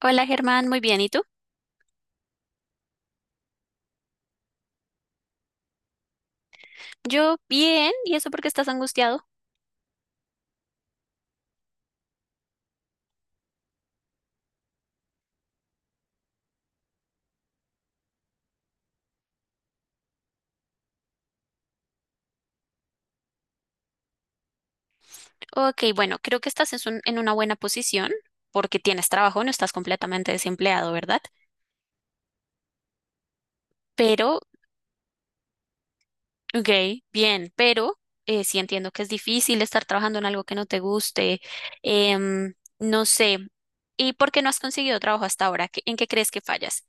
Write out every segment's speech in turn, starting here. Hola Germán, muy bien. ¿Y tú? Yo bien. ¿Y eso por qué estás angustiado? Ok, bueno, creo que estás es en una buena posición porque tienes trabajo, no estás completamente desempleado, ¿verdad? Pero, ok, bien, pero sí entiendo que es difícil estar trabajando en algo que no te guste. em, no sé. ¿Y por qué no has conseguido trabajo hasta ahora? ¿En qué crees que fallas?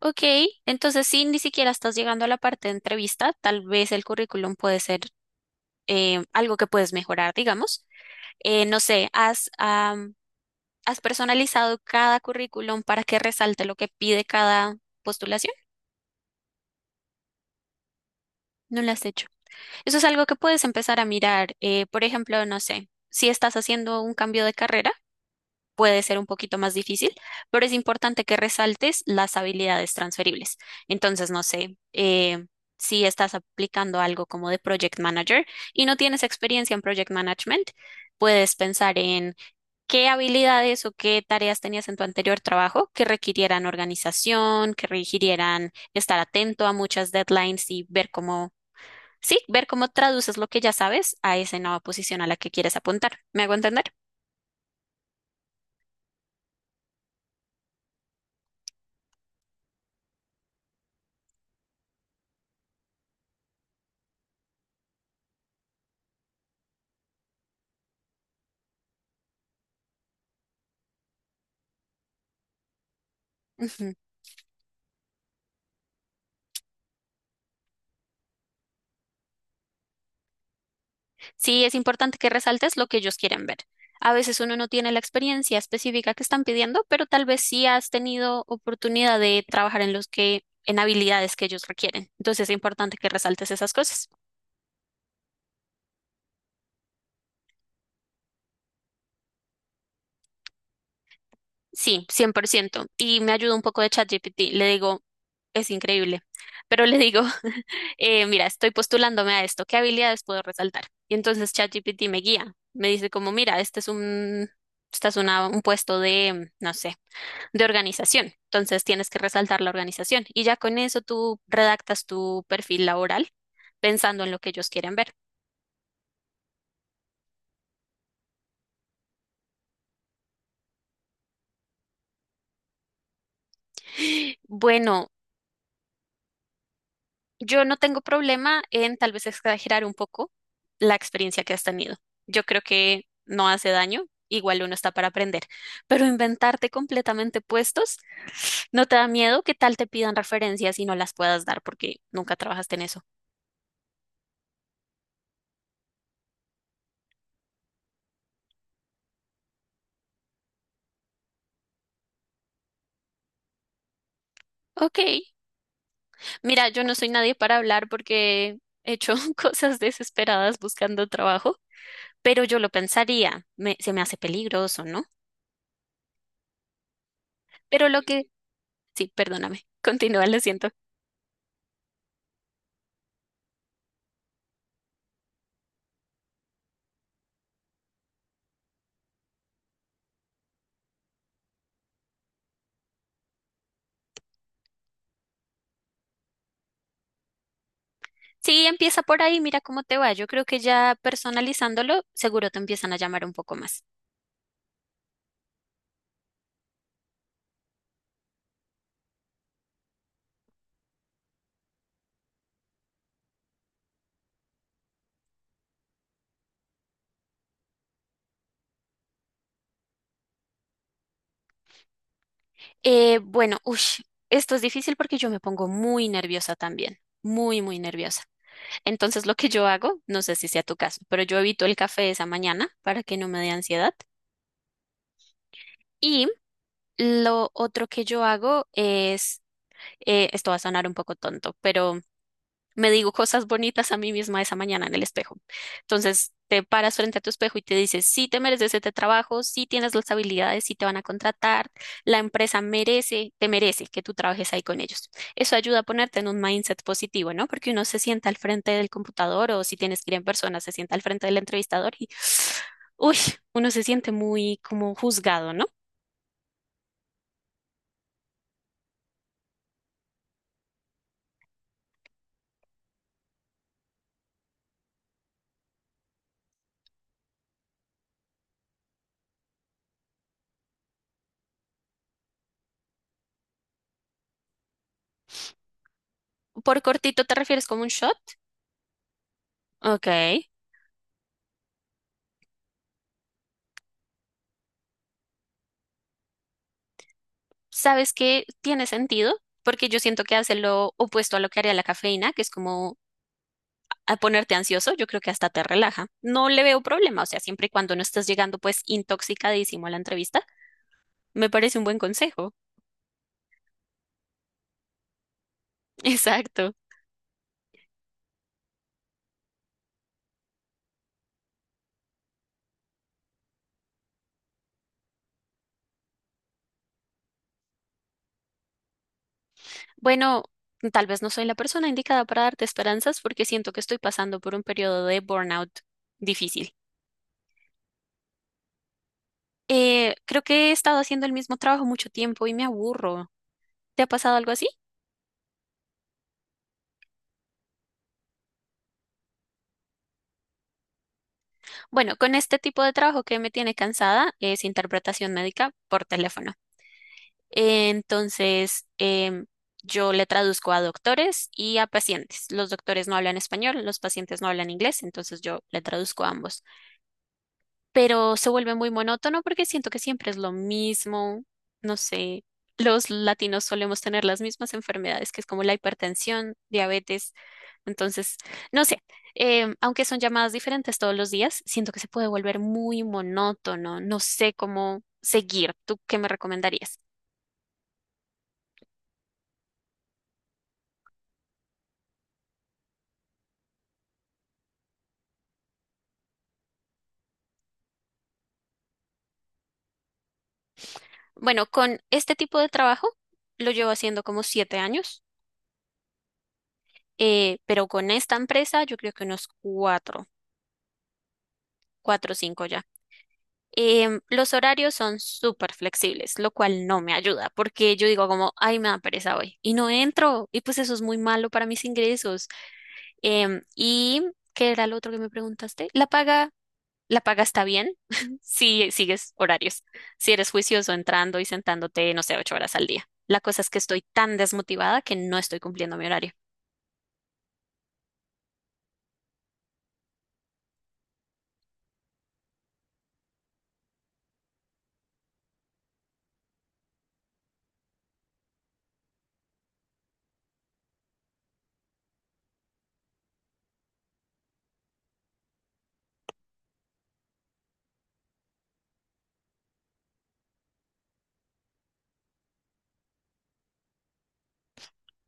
Ok, entonces sí, ni siquiera estás llegando a la parte de entrevista. Tal vez el currículum puede ser algo que puedes mejorar, digamos. No sé, has personalizado cada currículum para que resalte lo que pide cada postulación. No lo has hecho. Eso es algo que puedes empezar a mirar. Por ejemplo, no sé, si estás haciendo un cambio de carrera, puede ser un poquito más difícil, pero es importante que resaltes las habilidades transferibles. Entonces, no sé, si estás aplicando algo como de project manager y no tienes experiencia en project management, puedes pensar en ¿qué habilidades o qué tareas tenías en tu anterior trabajo que requirieran organización, que requirieran estar atento a muchas deadlines y ver cómo, sí, ver cómo traduces lo que ya sabes a esa nueva posición a la que quieres apuntar? ¿Me hago entender? Ujú. Sí, es importante que resaltes lo que ellos quieren ver. A veces uno no tiene la experiencia específica que están pidiendo, pero tal vez sí has tenido oportunidad de trabajar en los que, en habilidades que ellos requieren. Entonces es importante que resaltes esas cosas. Sí, 100%. Y me ayuda un poco de ChatGPT. Le digo, es increíble. Pero le digo, mira, estoy postulándome a esto. ¿Qué habilidades puedo resaltar? Y entonces ChatGPT me guía. Me dice como, mira, este es un, esta es una, un puesto de, no sé, de organización. Entonces tienes que resaltar la organización. Y ya con eso tú redactas tu perfil laboral pensando en lo que ellos quieren ver. Bueno, yo no tengo problema en tal vez exagerar un poco la experiencia que has tenido. Yo creo que no hace daño, igual uno está para aprender, pero inventarte completamente puestos, ¿no te da miedo que tal te pidan referencias y no las puedas dar porque nunca trabajaste en eso? Ok, mira, yo no soy nadie para hablar porque he hecho cosas desesperadas buscando trabajo, pero yo lo pensaría, se me hace peligroso, ¿no? Pero lo que... Sí, perdóname, continúa, lo siento. Sí, empieza por ahí, mira cómo te va. Yo creo que ya personalizándolo, seguro te empiezan a llamar un poco más. Bueno, ush, esto es difícil porque yo me pongo muy nerviosa también, muy, muy nerviosa. Entonces, lo que yo hago, no sé si sea tu caso, pero yo evito el café esa mañana para que no me dé ansiedad. Y lo otro que yo hago es, esto va a sonar un poco tonto, pero me digo cosas bonitas a mí misma esa mañana en el espejo. Entonces, te paras frente a tu espejo y te dices, sí te mereces este trabajo, sí tienes las habilidades, sí te van a contratar, la empresa merece, te merece que tú trabajes ahí con ellos. Eso ayuda a ponerte en un mindset positivo, ¿no? Porque uno se sienta al frente del computador o si tienes que ir en persona, se sienta al frente del entrevistador y, uy, uno se siente muy como juzgado, ¿no? Por cortito te refieres como un shot. Ok. ¿Sabes qué tiene sentido? Porque yo siento que hace lo opuesto a lo que haría la cafeína, que es como a ponerte ansioso, yo creo que hasta te relaja. No le veo problema, o sea, siempre y cuando no estés llegando pues intoxicadísimo a la entrevista, me parece un buen consejo. Exacto. Bueno, tal vez no soy la persona indicada para darte esperanzas porque siento que estoy pasando por un periodo de burnout difícil. Creo que he estado haciendo el mismo trabajo mucho tiempo y me aburro. ¿Te ha pasado algo así? Bueno, con este tipo de trabajo que me tiene cansada es interpretación médica por teléfono. Entonces, yo le traduzco a doctores y a pacientes. Los doctores no hablan español, los pacientes no hablan inglés, entonces yo le traduzco a ambos pero se vuelve muy monótono porque siento que siempre es lo mismo, no sé, los latinos solemos tener las mismas enfermedades, que es como la hipertensión, diabetes, entonces, no sé, aunque son llamadas diferentes todos los días, siento que se puede volver muy monótono, no sé cómo seguir, ¿tú qué me recomendarías? Bueno, con este tipo de trabajo lo llevo haciendo como 7 años, pero con esta empresa yo creo que unos cuatro, cuatro o cinco ya. Los horarios son súper flexibles, lo cual no me ayuda, porque yo digo como, ay, me da pereza hoy, y no entro, y pues eso es muy malo para mis ingresos. ¿Y qué era lo otro que me preguntaste? La paga está bien si sigues horarios, si eres juicioso entrando y sentándote, no sé, 8 horas al día. La cosa es que estoy tan desmotivada que no estoy cumpliendo mi horario.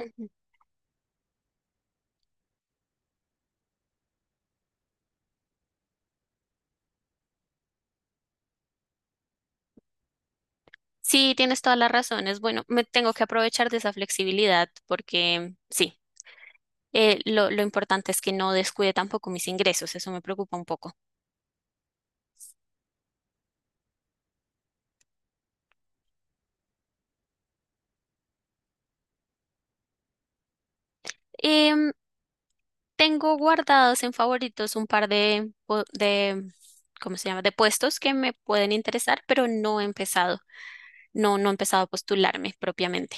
Ujú. Sí, tienes todas las razones. Bueno, me tengo que aprovechar de esa flexibilidad porque sí, lo importante es que no descuide tampoco mis ingresos, eso me preocupa un poco. Em, Tengo guardados en favoritos un par de, de, ¿cómo se llama? De puestos que me pueden interesar, pero no he empezado, no he empezado a postularme propiamente.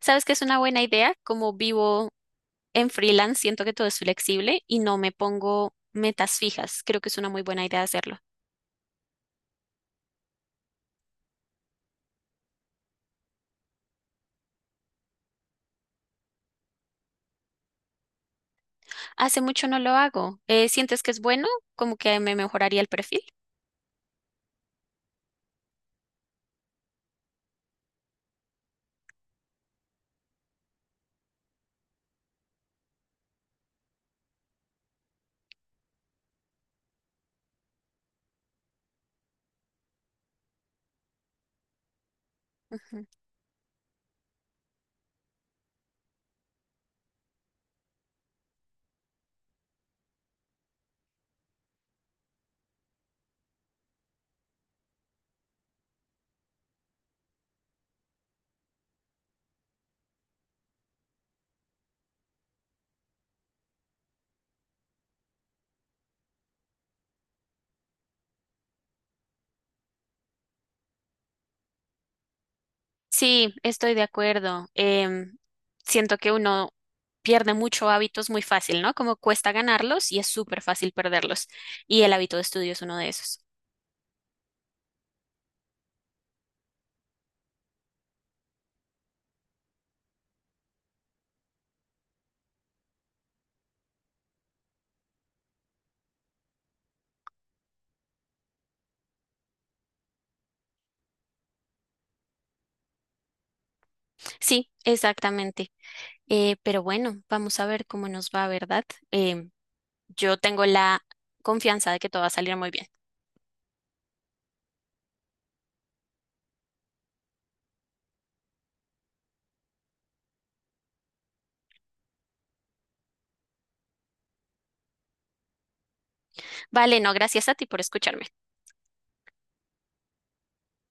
¿Sabes que es una buena idea? Como vivo en freelance, siento que todo es flexible y no me pongo metas fijas. Creo que es una muy buena idea hacerlo. Hace mucho no lo hago. ¿Sientes que es bueno? ¿Como que me mejoraría el perfil? Ujú. Sí, estoy de acuerdo. Siento que uno pierde mucho hábitos muy fácil, ¿no? Como cuesta ganarlos y es súper fácil perderlos. Y el hábito de estudio es uno de esos. Sí, exactamente. Pero bueno, vamos a ver cómo nos va, ¿verdad? Em, yo tengo la confianza de que todo va a salir muy bien. Vale, no, gracias a ti por escucharme.